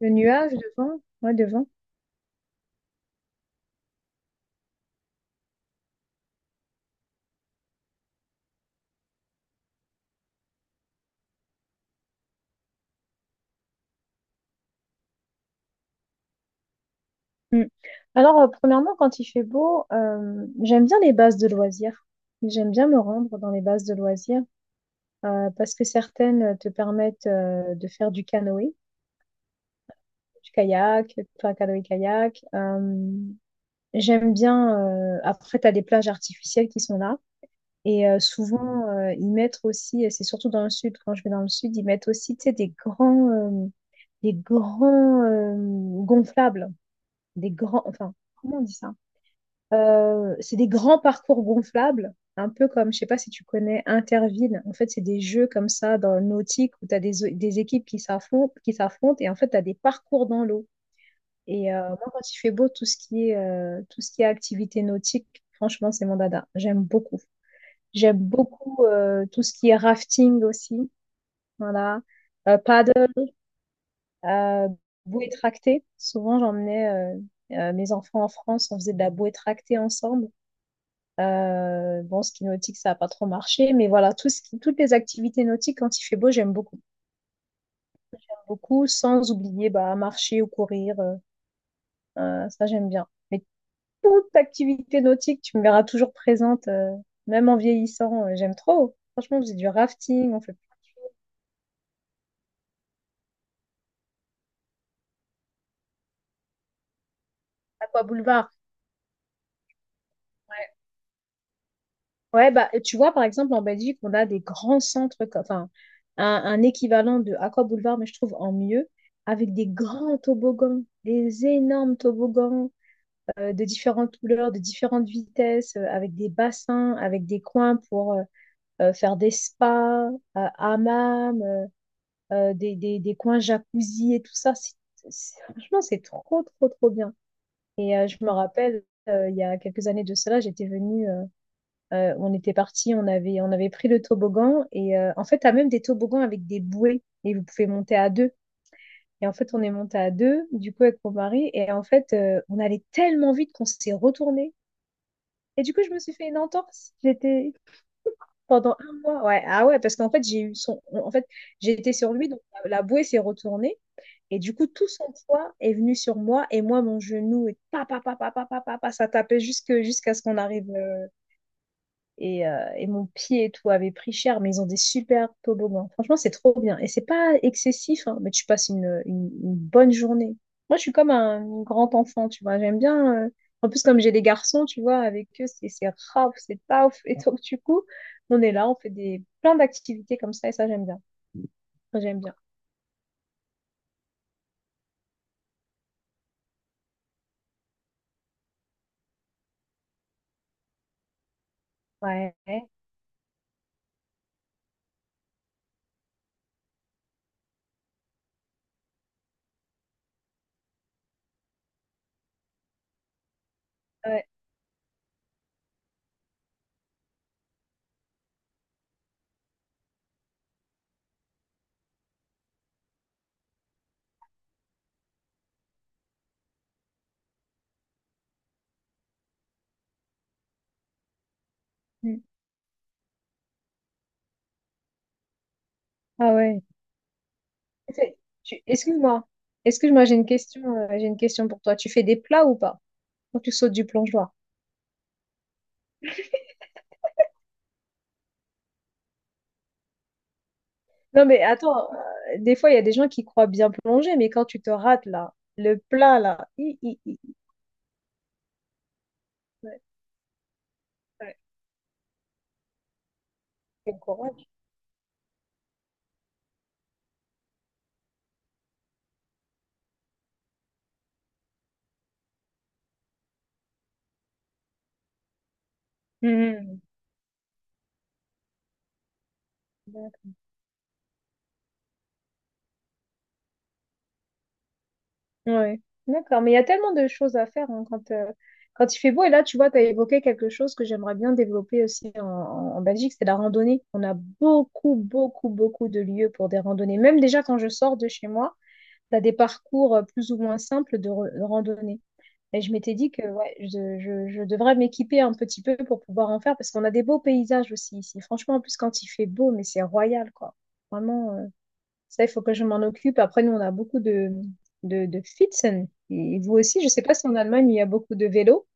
Le nuage devant? Ouais, devant. Mm. Alors, premièrement, quand il fait beau, j'aime bien les bases de loisirs. J'aime bien me rendre dans les bases de loisirs parce que certaines te permettent de faire du canoë, du kayak, enfin canoë-kayak. J'aime bien, après, tu as des plages artificielles qui sont là. Et souvent, ils mettent aussi, et c'est surtout dans le sud, quand je vais dans le sud, ils mettent aussi, tu sais, des grands gonflables. Des grands, enfin, comment on dit ça? C'est des grands parcours gonflables, un peu comme, je sais pas si tu connais Interville. En fait, c'est des jeux comme ça dans le nautique où tu as des équipes qui s'affrontent et en fait, tu as des parcours dans l'eau. Et moi, quand il fait beau, tout ce qui est activité nautique, franchement, c'est mon dada. J'aime beaucoup. J'aime beaucoup tout ce qui est rafting aussi. Voilà. Paddle, Euh, bouée tractée. Souvent, j'emmenais mes enfants en France, on faisait de la bouée tractée ensemble. Bon, ski nautique, ça n'a pas trop marché, mais voilà, toutes les activités nautiques, quand il fait beau, j'aime beaucoup. Beaucoup, sans oublier bah, marcher ou courir, ça j'aime bien. Mais toute activité nautique, tu me verras toujours présente, même en vieillissant, j'aime trop. Franchement, on faisait du rafting, on fait aqua boulevard. Ouais, bah, tu vois, par exemple, en Belgique, on a des grands centres, enfin, un équivalent de Aqua Boulevard, mais je trouve en mieux, avec des grands toboggans, des énormes toboggans de différentes couleurs, de différentes vitesses, avec des bassins, avec des coins pour faire des spas, hammams, des coins jacuzzi et tout ça. Franchement, c'est trop, trop, trop bien. Et je me rappelle, il y a quelques années de cela, j'étais venue. On était parti, on avait pris le toboggan et en fait, tu as même des toboggans avec des bouées et vous pouvez monter à deux. Et en fait, on est monté à deux, du coup, avec mon mari. Et en fait, on allait tellement vite qu'on s'est retourné. Et du coup, je me suis fait une entorse. J'étais pendant un mois. Ouais, ah ouais, parce qu'en fait, j'ai eu son. En fait, j'étais sur lui, donc la bouée s'est retournée. Et du coup, tout son poids est venu sur moi. Et moi, mon genou, et pa, pa, pa, pa, pa, pa, pa, pa, ça tapait jusque, jusqu'à ce qu'on arrive et mon pied et tout avait pris cher, mais ils ont des super toboggans. Franchement, c'est trop bien. Et c'est pas excessif, hein, mais tu passes une bonne journée. Moi, je suis comme un grand enfant, tu vois. J'aime bien. En plus, comme j'ai des garçons, tu vois, avec eux, c'est raf, c'est paf. Et donc, du coup, on est là, on fait des plein d'activités comme ça, et ça, j'aime bien. Ça, j'aime bien. Ouais. Ouais. Mm. Ah ouais. C'est- Excuse-moi. Excuse-moi, j'ai une question. J'ai une question pour toi. Tu fais des plats ou pas? Quand tu sautes du plongeoir. Non, mais attends, des fois, il y a des gens qui croient bien plonger, mais quand tu te rates, là, le plat, là, hi, hi, hi. Ouais, ouais. Quel courage. Mhm. D'accord. Ouais. D'accord, mais il y a tellement de choses à faire hein, quand il fait beau. Et là, tu vois, tu as évoqué quelque chose que j'aimerais bien développer aussi en Belgique, c'est la randonnée. On a beaucoup, beaucoup, beaucoup de lieux pour des randonnées. Même déjà quand je sors de chez moi, tu as des parcours plus ou moins simples de randonnée. Et je m'étais dit que ouais, je devrais m'équiper un petit peu pour pouvoir en faire parce qu'on a des beaux paysages aussi ici. Franchement, en plus, quand il fait beau, mais c'est royal, quoi. Vraiment, ça, il faut que je m'en occupe. Après, nous, on a beaucoup de, de Pfützen. Et vous aussi, je sais pas si en Allemagne, il y a beaucoup de vélos.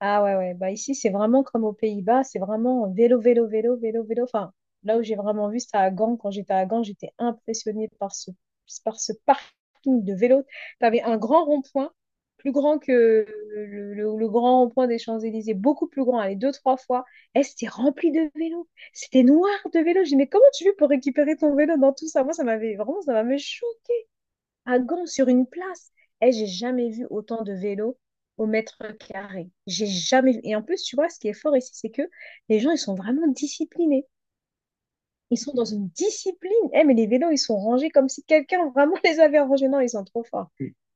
Ah ouais, ouais. Bah, ici, c'est vraiment comme aux Pays-Bas, c'est vraiment vélo, vélo, vélo, vélo, vélo. Enfin, là où j'ai vraiment vu, c'était à Gand. Quand j'étais à Gand, j'étais impressionnée par par ce parking de vélo. Tu avais un grand rond-point, plus grand que le grand rond-point des Champs-Élysées, beaucoup plus grand, allez, deux, trois fois. Et c'était rempli de vélos. C'était noir de vélos. J'ai dit, mais comment tu fais pour récupérer ton vélo dans tout ça? Moi, ça m'avait vraiment, ça m'avait choqué à Gand sur une place. Eh, j'ai jamais vu autant de vélos au mètre carré. J'ai jamais vu. Et en plus, tu vois, ce qui est fort ici, c'est que les gens, ils sont vraiment disciplinés. Ils sont dans une discipline. Eh, mais les vélos, ils sont rangés comme si quelqu'un vraiment les avait rangés. Non, ils sont trop forts.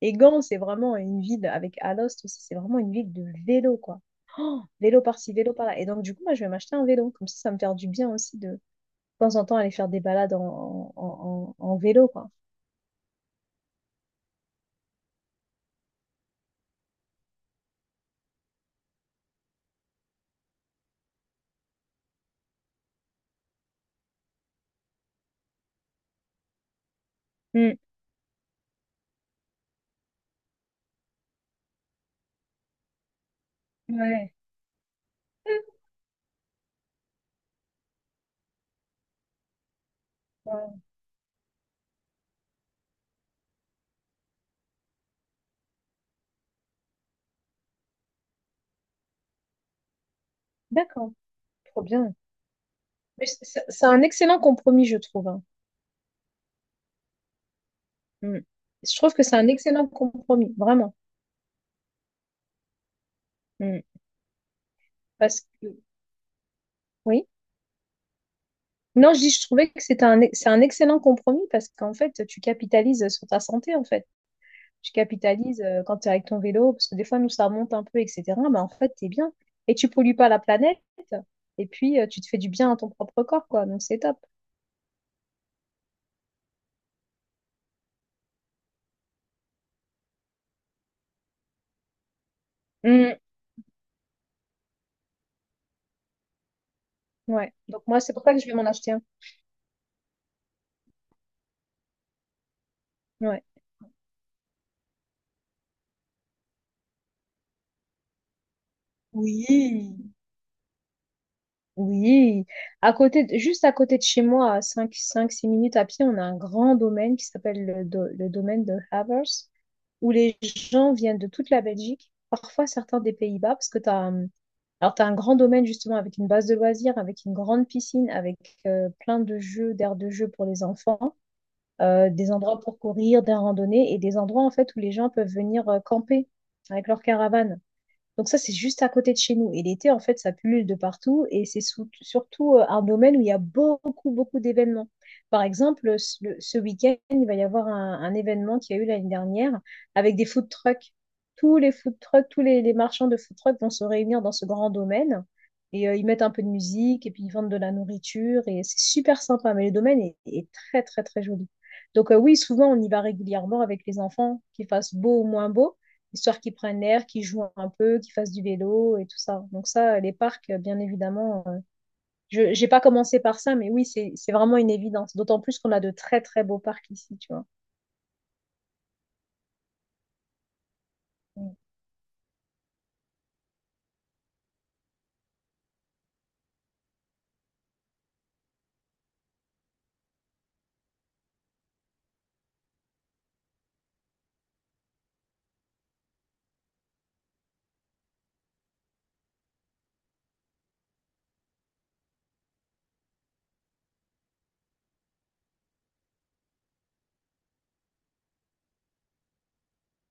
Et Gand, c'est vraiment une ville, avec Alost aussi, c'est vraiment une ville de vélo, quoi. Oh, vélo par-ci, vélo par-là. Et donc, du coup, moi, je vais m'acheter un vélo. Comme ça me fait du bien aussi de temps en temps, aller faire des balades en vélo, quoi. Hmm. Ouais. Ouais. D'accord. Trop bien. Mais c'est un excellent compromis, je trouve, hein. Mm. Je trouve que c'est un excellent compromis, vraiment. Mm. Parce que, oui. Non, je dis, je trouvais que c'était c'est un excellent compromis parce qu'en fait, tu capitalises sur ta santé, en fait. Tu capitalises quand tu es avec ton vélo, parce que des fois, nous, ça remonte un peu, etc. Mais en fait, tu es bien. Et tu pollues pas la planète. Et puis, tu te fais du bien à ton propre corps, quoi. Donc, c'est top. Mm. Ouais. Donc, moi, c'est pour ça que je vais m'en acheter un. Ouais. Oui, oui, juste à côté de chez moi, à six minutes à pied, on a un grand domaine qui s'appelle le domaine de Havers, où les gens viennent de toute la Belgique, parfois certains des Pays-Bas, parce que alors t'as un grand domaine justement avec une base de loisirs, avec une grande piscine, avec plein de jeux, d'aires de jeu pour les enfants, des endroits pour courir, des randonnées et des endroits en fait où les gens peuvent venir camper avec leur caravane. Donc ça, c'est juste à côté de chez nous. Et l'été, en fait, ça pullule de partout. Et c'est surtout un domaine où il y a beaucoup, beaucoup d'événements. Par exemple, ce week-end, il va y avoir un événement qu'il y a eu l'année dernière avec des food trucks. Tous les food trucks, les marchands de food trucks vont se réunir dans ce grand domaine. Et ils mettent un peu de musique et puis ils vendent de la nourriture. Et c'est super sympa. Mais le domaine est très, très, très joli. Donc oui, souvent, on y va régulièrement avec les enfants, qu'il fasse beau ou moins beau histoire qu'ils prennent l'air, qu'ils jouent un peu, qu'ils fassent du vélo et tout ça. Donc ça, les parcs, bien évidemment, je j'ai pas commencé par ça, mais oui, c'est vraiment une évidence. D'autant plus qu'on a de très très beaux parcs ici, tu vois.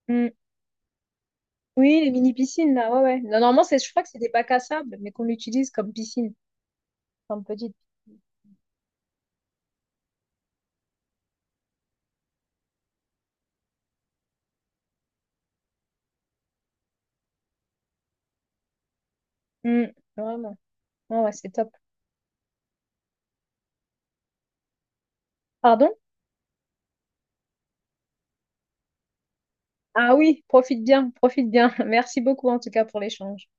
Mm. Oui, les mini piscines là, ouais ouais. Non, normalement, c'est je crois que c'est des bacs à sable, mais qu'on l'utilise comme piscine, comme petite. Mm. Vraiment. Ouais, ouais, c'est top. Pardon? Ah oui, profite bien, profite bien. Merci beaucoup en tout cas pour l'échange.